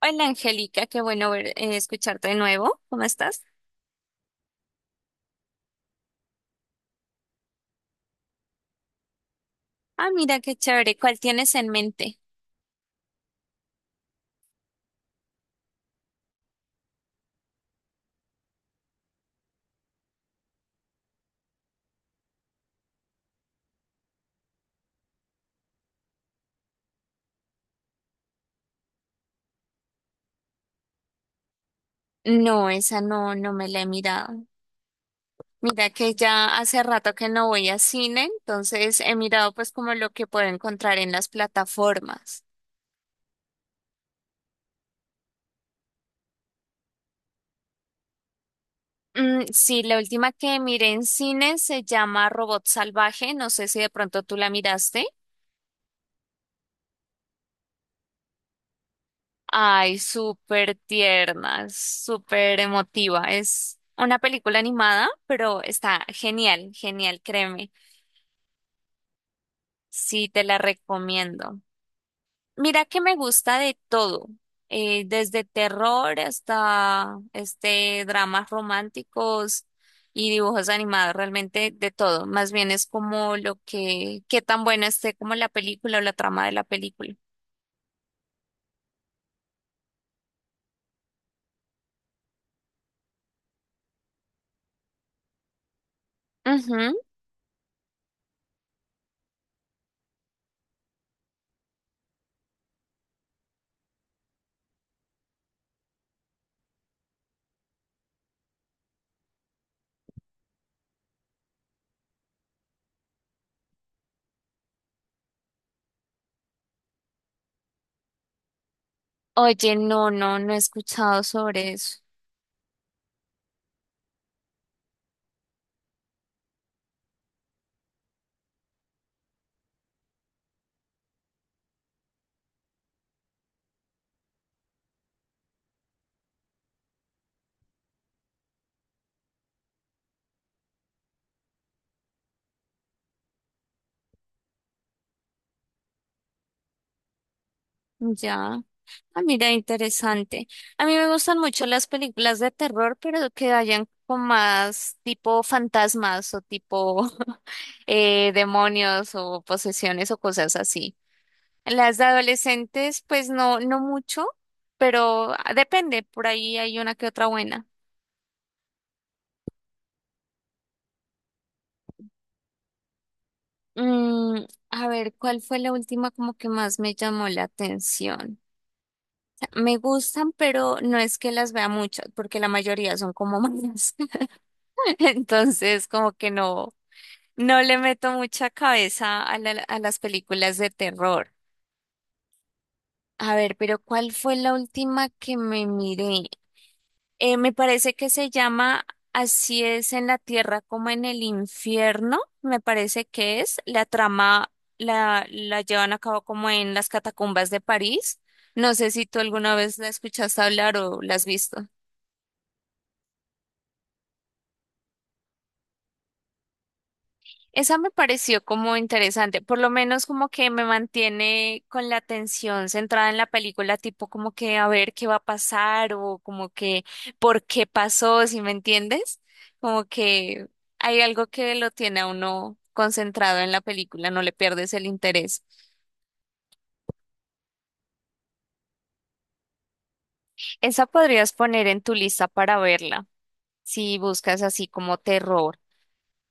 Hola Angélica, qué bueno escucharte de nuevo. ¿Cómo estás? Ah, mira qué chévere. ¿Cuál tienes en mente? No, esa no, no me la he mirado. Mira que ya hace rato que no voy a cine, entonces he mirado pues como lo que puedo encontrar en las plataformas. Sí, la última que miré en cine se llama Robot Salvaje. No sé si de pronto tú la miraste. Ay, súper tierna, súper emotiva. Es una película animada, pero está genial, genial, créeme. Sí, te la recomiendo. Mira que me gusta de todo, desde terror hasta este dramas románticos y dibujos animados, realmente de todo. Más bien es como lo que, qué tan buena esté como la película o la trama de la película. Ujú. Oye, no, no, no he escuchado sobre eso. Ya. Ah, mira, interesante. A mí me gustan mucho las películas de terror, pero que vayan con más tipo fantasmas o tipo demonios o posesiones o cosas así. Las de adolescentes, pues no, no mucho, pero ah, depende, por ahí hay una que otra buena. Mm, a ver, ¿cuál fue la última como que más me llamó la atención? Me gustan, pero no es que las vea muchas, porque la mayoría son como malas. Entonces, como que no. No le meto mucha cabeza a a las películas de terror. A ver, pero ¿cuál fue la última que me miré? Me parece que se llama Así es en la tierra como en el infierno. Me parece que es. La trama la llevan a cabo como en las catacumbas de París. No sé si tú alguna vez la escuchaste hablar o la has visto. Esa me pareció como interesante, por lo menos como que me mantiene con la atención centrada en la película, tipo como que a ver qué va a pasar o como que por qué pasó, si me entiendes, como que hay algo que lo tiene a uno concentrado en la película, no le pierdes el interés. Esa podrías poner en tu lista para verla, si buscas así como terror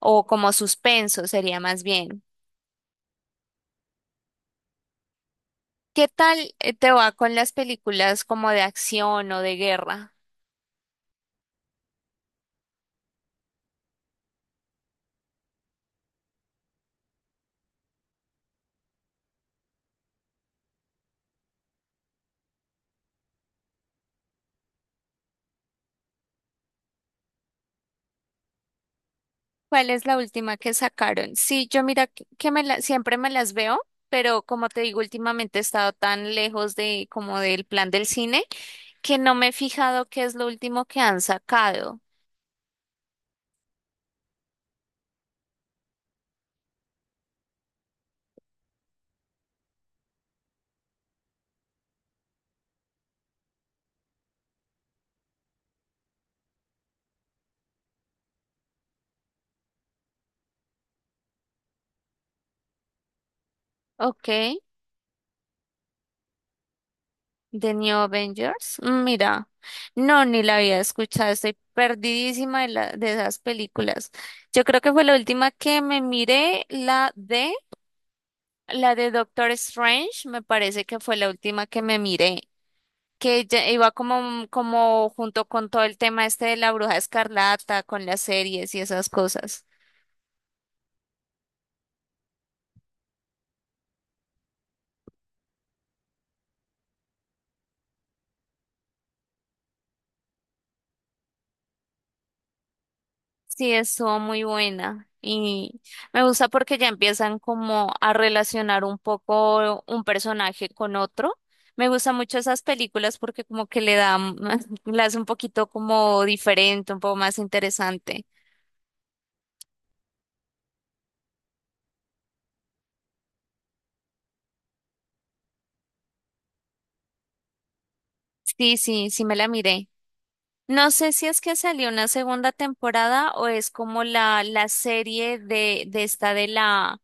o como suspenso, sería más bien. ¿Qué tal te va con las películas como de acción o de guerra? ¿Cuál es la última que sacaron? Sí, yo mira que me siempre me las veo, pero como te digo, últimamente he estado tan lejos de como del plan del cine que no me he fijado qué es lo último que han sacado. Ok, The New Avengers. Mira, no, ni la había escuchado, estoy perdidísima de esas películas. Yo creo que fue la última que me miré, la de Doctor Strange, me parece que fue la última que me miré. Que ya iba como, como junto con todo el tema este de la Bruja Escarlata, con las series y esas cosas. Sí, estuvo muy buena y me gusta porque ya empiezan como a relacionar un poco un personaje con otro. Me gustan mucho esas películas porque como que le dan, la hace un poquito como diferente, un poco más interesante. Sí, sí, sí me la miré. No sé si es que salió una segunda temporada o es como la serie de esta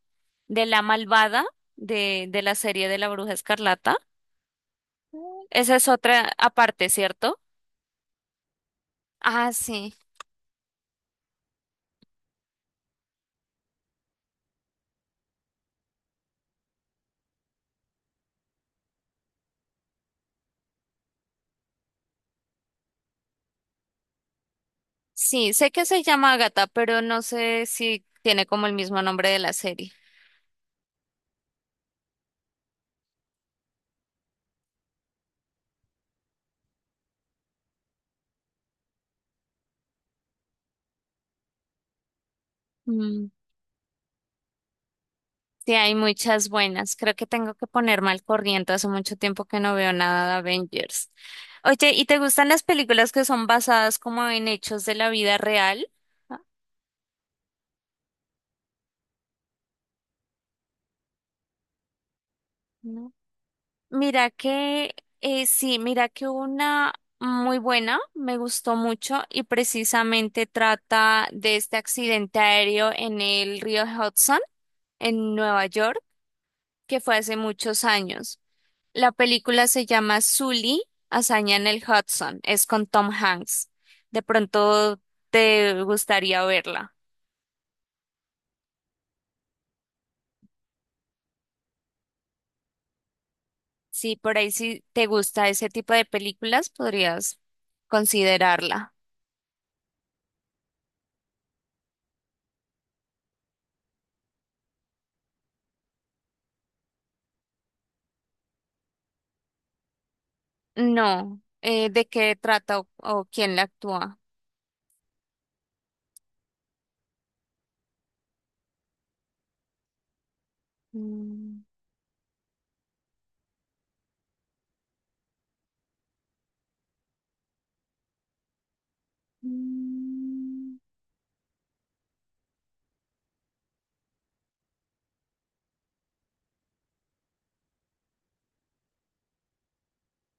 de la malvada de la serie de la Bruja Escarlata. Esa es otra aparte, ¿cierto? Ah, sí. Sí, sé que se llama Agatha, pero no sé si tiene como el mismo nombre de la serie. Mm, Sí, hay muchas buenas. Creo que tengo que ponerme al corriente. Hace mucho tiempo que no veo nada de Avengers. Oye, ¿y te gustan las películas que son basadas como en hechos de la vida real? Ah, no. Mira que, sí, mira que hubo una muy buena, me gustó mucho y precisamente trata de este accidente aéreo en el río Hudson, en Nueva York, que fue hace muchos años. La película se llama Sully, Hazaña en el Hudson, es con Tom Hanks. De pronto te gustaría verla. Sí, por ahí si te gusta ese tipo de películas, podrías considerarla. No, ¿de qué trata o quién la actúa? Mm,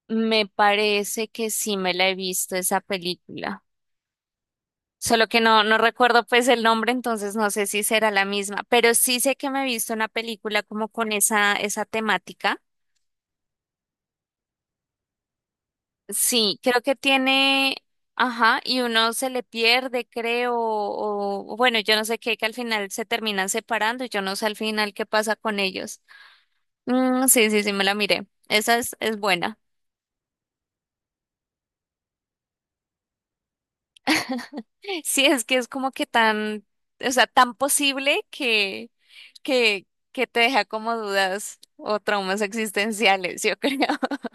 Me parece que sí me la he visto esa película, solo que no, no recuerdo pues el nombre, entonces no sé si será la misma, pero sí sé que me he visto una película como con esa, esa temática. Sí, creo que tiene, ajá, y uno se le pierde, creo, o bueno, yo no sé qué, que al final se terminan separando y yo no sé al final qué pasa con ellos. Sí, sí, sí, me la miré. Esa es buena. Sí, es que es como que tan, o sea, tan posible que te deja como dudas o traumas existenciales, yo creo.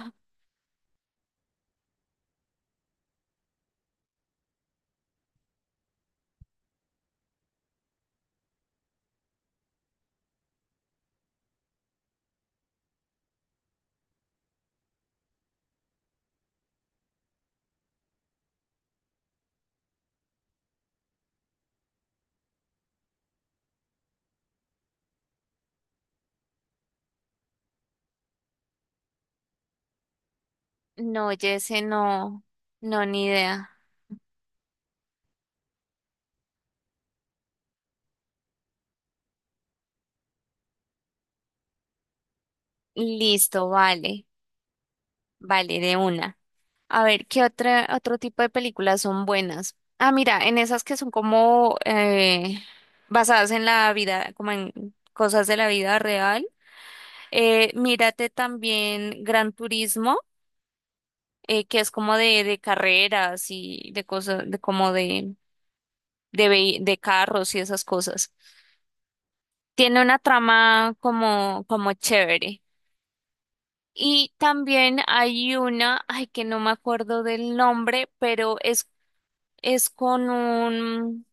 No, Jesse, no, no, ni idea. Listo, vale, vale, de una. A ver, ¿qué otra, otro tipo de películas son buenas? Ah, mira, en esas que son como basadas en la vida, como en cosas de la vida real. Mírate también Gran Turismo. Que es como de carreras y de cosas, de como de, vehi- de carros y esas cosas. Tiene una trama como, como chévere. Y también hay una, ay, que no me acuerdo del nombre, pero es con un,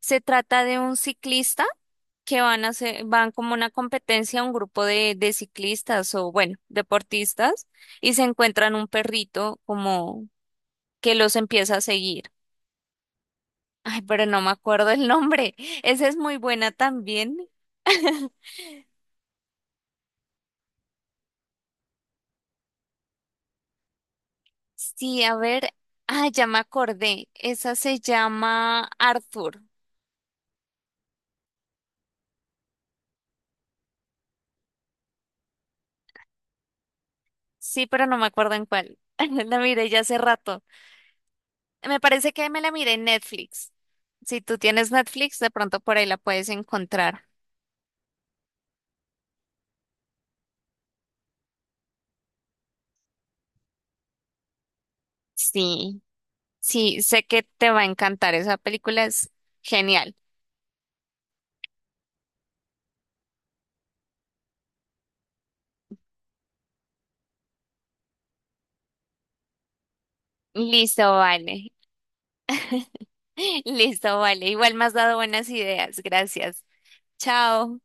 se trata de un ciclista que van a hacer, van como una competencia, un grupo de ciclistas o bueno, deportistas, y se encuentran un perrito como que los empieza a seguir. Ay, pero no me acuerdo el nombre. Esa es muy buena también. Sí, a ver. Ah, ya me acordé. Esa se llama Arthur. Sí, pero no me acuerdo en cuál. La miré ya hace rato. Me parece que me la miré en Netflix. Si tú tienes Netflix, de pronto por ahí la puedes encontrar. Sí, sí, sé que te va a encantar. Esa película es genial. Listo, vale. Listo, vale. Igual me has dado buenas ideas. Gracias. Chao.